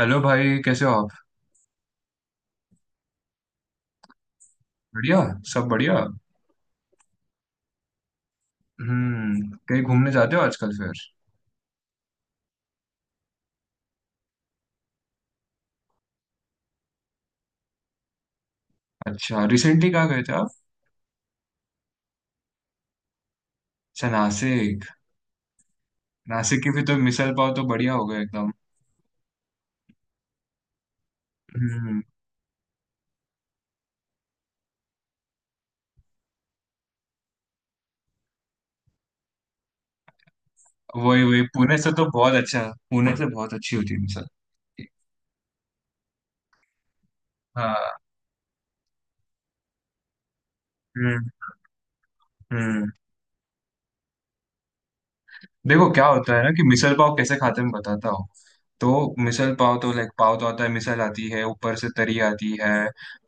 Hello भाई, कैसे हो आप। बढ़िया। सब बढ़िया। कहीं घूमने जाते हो आजकल फिर। अच्छा, रिसेंटली कहाँ गए थे आप। अच्छा, नासिक। नासिक की भी तो मिसल पाव तो बढ़िया हो गया एकदम। हम्म। वही वही, पुणे से तो बहुत अच्छा। पुणे से बहुत अच्छी होती है मिसल। हाँ। हम्म, हम्म। देखो, क्या होता है ना कि मिसल पाव कैसे खाते हैं, मैं बताता हूँ। तो मिसल पाव तो, लाइक, पाव तो आता है, मिसल आती है, ऊपर से तरी आती है।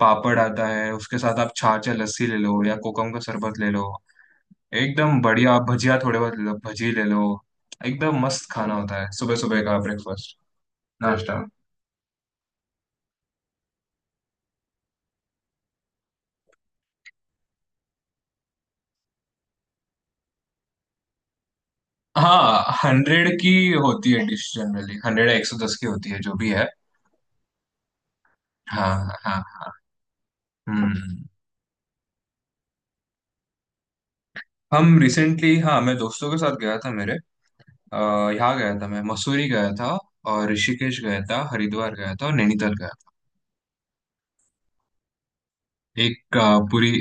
पापड़ आता है उसके साथ। आप छाछ या लस्सी ले लो, या कोकम का शरबत ले लो। एकदम बढ़िया। आप भजिया थोड़े बहुत ले लो, भजी ले लो। एकदम मस्त खाना होता है, सुबह सुबह का ब्रेकफास्ट। नाश्ता। हाँ, 100 की होती है डिश, जनरली 100 या 110 की होती है, जो भी है। हाँ, हाँ, हाँ। हम्म। हम रिसेंटली, हाँ, मैं दोस्तों के साथ गया था, मेरे अ, यहाँ गया था, मैं मसूरी गया था, और ऋषिकेश गया था, हरिद्वार गया था, और नैनीताल गया था, एक पूरी।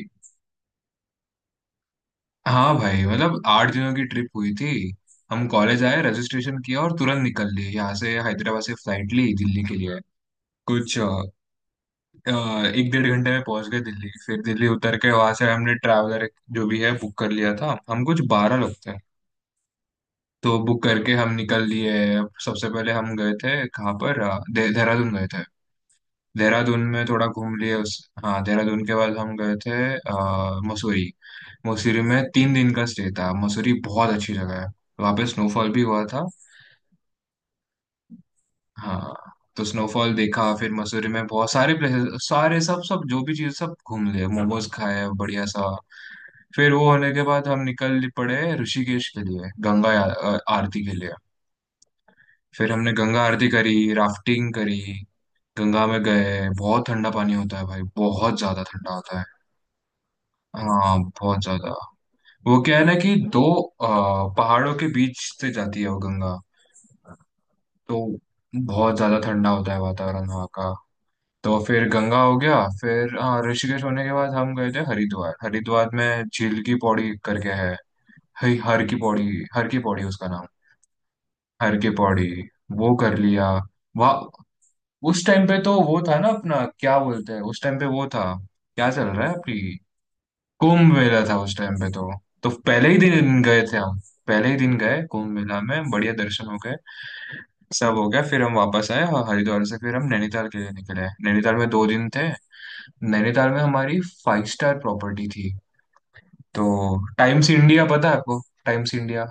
हाँ भाई, मतलब 8 दिनों की ट्रिप हुई थी। हम कॉलेज आए, रजिस्ट्रेशन किया और तुरंत निकल लिए यहाँ से, हैदराबाद से फ्लाइट ली दिल्ली के लिए। कुछ अ, एक डेढ़ घंटे में पहुंच गए दिल्ली, फिर दिल्ली उतर के वहां से हमने ट्रैवलर जो भी है बुक कर लिया था, हम कुछ 12 लोग थे। तो बुक करके हम निकल लिए। सबसे पहले हम गए थे कहाँ पर, देहरादून गए थे। देहरादून में थोड़ा घूम लिए उस। हाँ, देहरादून के बाद हम गए थे मसूरी। मसूरी में 3 दिन का स्टे था, मसूरी बहुत अच्छी जगह है। वहाँ पे स्नोफॉल भी हुआ था। हाँ। तो स्नोफॉल देखा, फिर मसूरी में बहुत सारे प्लेसेस, सारे सब सब जो भी चीज़ सब घूम लिए, मोमोज खाए, बढ़िया सा। फिर वो होने के बाद हम निकल पड़े ऋषिकेश के लिए, गंगा आरती के लिए। फिर हमने गंगा आरती करी। राफ्टिंग करी। गंगा में गए, बहुत ठंडा पानी होता है भाई, बहुत ज्यादा ठंडा होता है। हाँ, बहुत ज्यादा। वो क्या है ना, कि दो पहाड़ों के बीच से जाती है वो गंगा। तो बहुत ज्यादा ठंडा होता है वातावरण वहाँ का। तो फिर गंगा हो गया। फिर, हाँ, ऋषिकेश होने के बाद हम गए थे हरिद्वार। हरिद्वार में झील की पौड़ी करके है, हई, हर की पौड़ी। हर की पौड़ी उसका नाम। हर की पौड़ी। वो कर लिया वहाँ। उस टाइम पे तो वो था ना, अपना क्या बोलते हैं, उस टाइम पे वो था, क्या चल रहा है अभी। कुंभ मेला था उस टाइम पे, तो पहले ही दिन गए थे हम। पहले ही दिन गए कुंभ मेला में, बढ़िया दर्शन हो गए। सब हो गया, फिर हम वापस आए और हरिद्वार से फिर हम नैनीताल के लिए निकले। नैनीताल में 2 दिन थे। नैनीताल में हमारी फाइव स्टार प्रॉपर्टी थी। तो, टाइम्स इंडिया पता है आपको, टाइम्स इंडिया?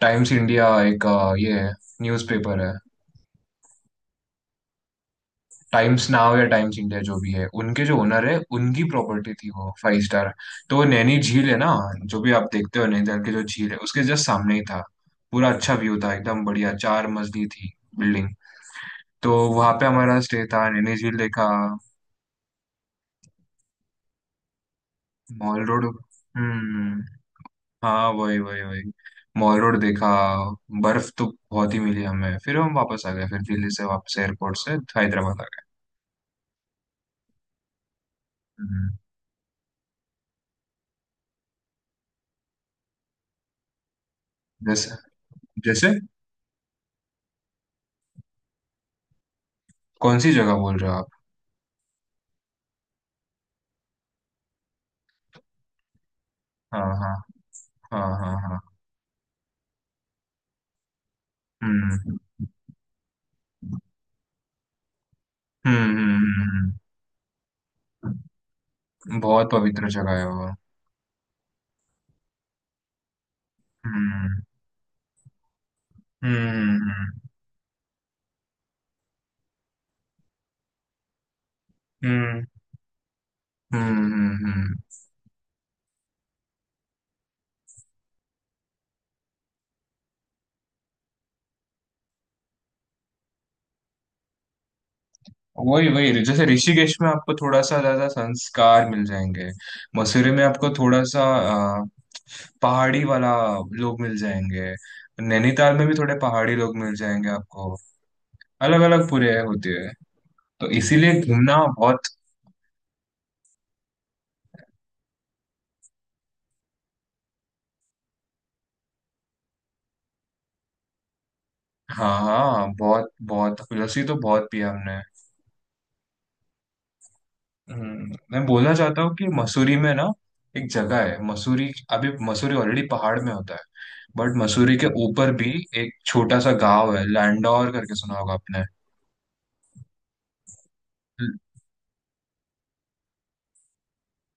टाइम्स इंडिया एक ये है, न्यूज़पेपर है। टाइम्स नाउ या टाइम्स इंडिया जो भी है, उनके जो ओनर है उनकी प्रॉपर्टी थी, वो फाइव स्टार। तो वो नैनी झील है ना, जो भी आप देखते हो नैनीताल के, जो झील है उसके जस्ट सामने ही था। पूरा अच्छा व्यू था, एकदम बढ़िया, चार मजली थी बिल्डिंग। तो वहां पे हमारा स्टे था, नैनी झील देखा। Mall Road. हम्म। हाँ, वही वही वही। मॉल रोड देखा। बर्फ तो बहुत ही मिली हमें, फिर हम वापस आ गए फिर दिल्ली से वापस एयरपोर्ट से, हैदराबाद आ गए। हम्म। जैसे जैसे, कौन सी जगह बोल रहे हो आप। हाँ, हाँ, हाँ, हाँ, हाँ। हम्म हम्म, हम्म, हम्म। बहुत पवित्र जगह है वो। हम्म, हम्म, हम्म, हम्म, हम्म, हम्म। वही वही। जैसे ऋषिकेश में आपको थोड़ा सा ज्यादा संस्कार मिल जाएंगे। मसूरी में आपको थोड़ा सा अ, पहाड़ी वाला लोग मिल जाएंगे। नैनीताल में भी थोड़े पहाड़ी लोग मिल जाएंगे आपको। अलग अलग पूरे होते हैं। तो इसीलिए घूमना बहुत। हाँ हाँ, बहुत बहुत लस्सी तो बहुत पी हमने। मैं बोलना चाहता हूँ कि मसूरी में ना, एक जगह है मसूरी। अभी मसूरी ऑलरेडी पहाड़ में होता है, बट मसूरी के ऊपर भी एक छोटा सा गांव है लैंडौर करके, सुना होगा आपने।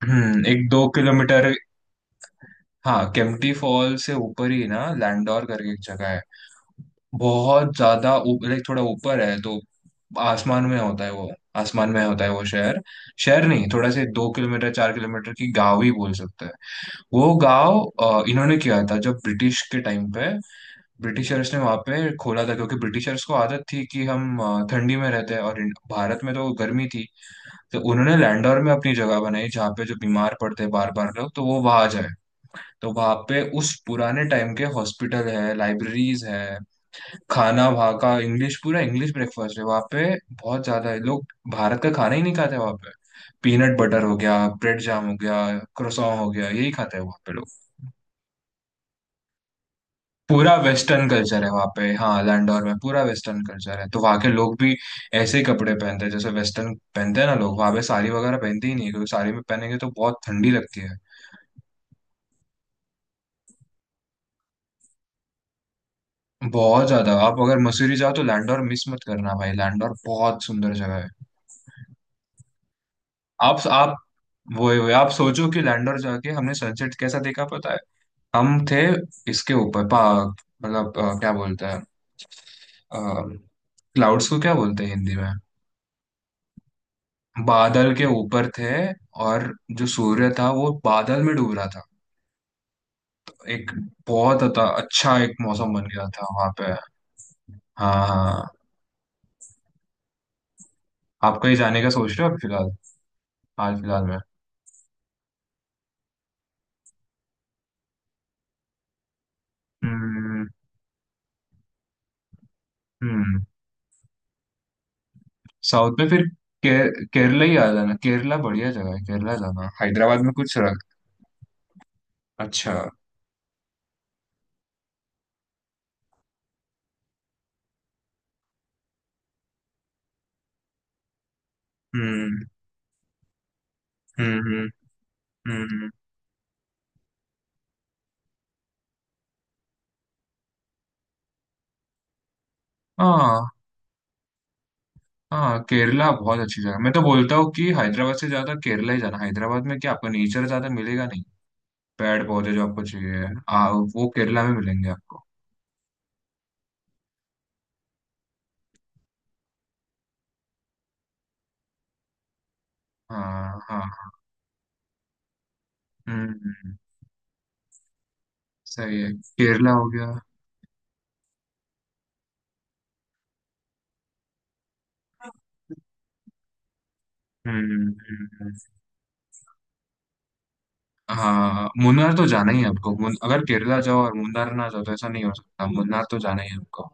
हम्म, एक दो किलोमीटर। हाँ, केम्प्टी फॉल से ऊपर ही ना लैंडौर करके एक जगह है। बहुत ज्यादा लाइक, थोड़ा ऊपर है तो आसमान में होता है वो। आसमान में होता है वो शहर। शहर नहीं, थोड़ा से 2 किलोमीटर 4 किलोमीटर की गांव ही बोल सकते हैं। वो गांव, इन्होंने किया था जब ब्रिटिश के टाइम पे। ब्रिटिशर्स ने वहां पे खोला था, क्योंकि ब्रिटिशर्स को आदत थी कि हम ठंडी में रहते हैं, और भारत में तो गर्मी थी। तो उन्होंने लैंडौर में अपनी जगह बनाई जहाँ पे जो बीमार पड़ते हैं बार बार लोग, तो वो वहां जाए। तो वहां पे उस पुराने टाइम के हॉस्पिटल है, लाइब्रेरीज है। खाना वहाँ का इंग्लिश, पूरा इंग्लिश ब्रेकफास्ट है वहाँ पे। बहुत ज्यादा है लोग। भारत का खाना ही नहीं खाते वहाँ पे। पीनट बटर हो गया, ब्रेड जाम हो गया, क्रोसॉन हो गया, यही खाते हैं वहाँ पे लोग। पूरा वेस्टर्न कल्चर है वहाँ पे, हाँ, लैंडोर में पूरा वेस्टर्न कल्चर है, तो वहाँ के लोग भी ऐसे ही कपड़े पहनते हैं जैसे वेस्टर्न पहनते हैं ना लोग, वहाँ पे साड़ी वगैरह पहनते ही नहीं है, क्योंकि साड़ी में पहनेंगे तो बहुत ठंडी लगती है। बहुत ज्यादा। आप अगर मसूरी जाओ तो लैंडोर मिस मत करना भाई, लैंडोर बहुत सुंदर जगह है। आप, आप सोचो कि लैंडोर जाके हमने सनसेट कैसा देखा, पता है। हम थे इसके ऊपर पा मतलब, क्या बोलते हैं, क्लाउड्स को क्या बोलते हैं हिंदी में? बादल के ऊपर थे। और जो सूर्य था वो बादल में डूब रहा था। एक बहुत अच्छा एक मौसम बन गया था वहां पे। हाँ हाँ। आप कहीं जाने का सोच रहे हो अभी फिलहाल? हाल फिलहाल में? हम्म, हम्म। साउथ में फिर, केरला ही आ जाना, केरला बढ़िया जगह है, केरला जाना, हैदराबाद में कुछ रख। अच्छा। हम्म, हम्म, हम्म, हम्म। हाँ हाँ, केरला बहुत अच्छी जगह है। मैं तो बोलता हूँ कि हैदराबाद से ज्यादा केरला ही जाना, हैदराबाद में क्या आपको नेचर ज्यादा मिलेगा? नहीं। पेड़ पौधे जो आपको चाहिए, वो केरला में मिलेंगे आपको। हाँ हाँ। हम्म, हम्म। सही है, केरला हो गया। हम्म, हाँ, मुन्नार तो जाना ही है आपको, अगर केरला जाओ और मुन्नार ना जाओ तो ऐसा नहीं हो सकता, मुन्नार तो जाना ही है आपको।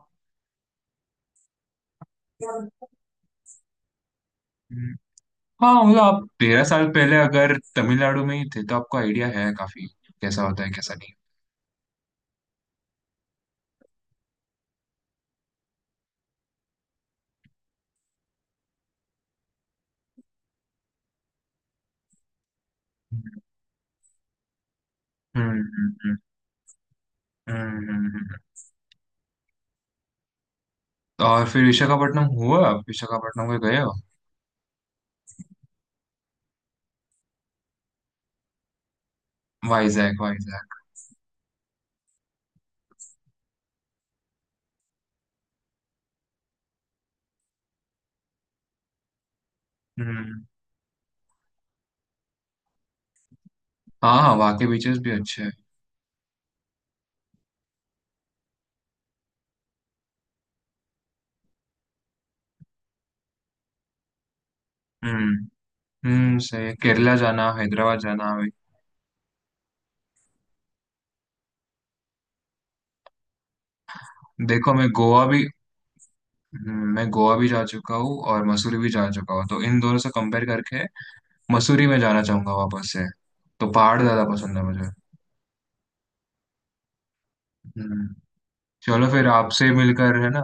हम्म। हाँ, मतलब आप 13 साल पहले अगर तमिलनाडु में ही थे तो आपको आइडिया है काफी, कैसा होता है कैसा नहीं। हम्म, हम्म, हम्म, हम्म, हम्म। और फिर विशाखापट्टनम हुआ, आप विशाखापट्टनम को गए हो? वाइजैक, वाइजैक। हम्म। हाँ हाँ, वहाँ के बीचेस भी अच्छे हैं। हम्म, हम्म। सही है। केरला जाना, हैदराबाद जाना अभी। देखो, मैं गोवा भी, मैं गोवा भी जा चुका हूँ और मसूरी भी जा चुका हूँ, तो इन दोनों से कंपेयर करके, मसूरी में जाना चाहूंगा वापस से। तो पहाड़ ज्यादा पसंद है मुझे। हम्म। चलो, फिर आपसे मिलकर, है ना।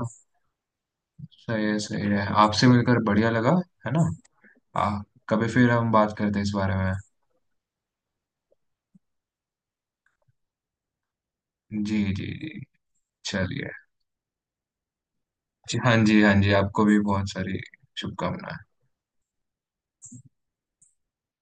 सही है, सही है, आपसे मिलकर बढ़िया लगा। है ना। आ, कभी फिर हम बात करते हैं इस बारे में। जी जी जी। चलिए। जी हाँ, जी हाँ जी, आपको भी बहुत सारी शुभकामनाएं।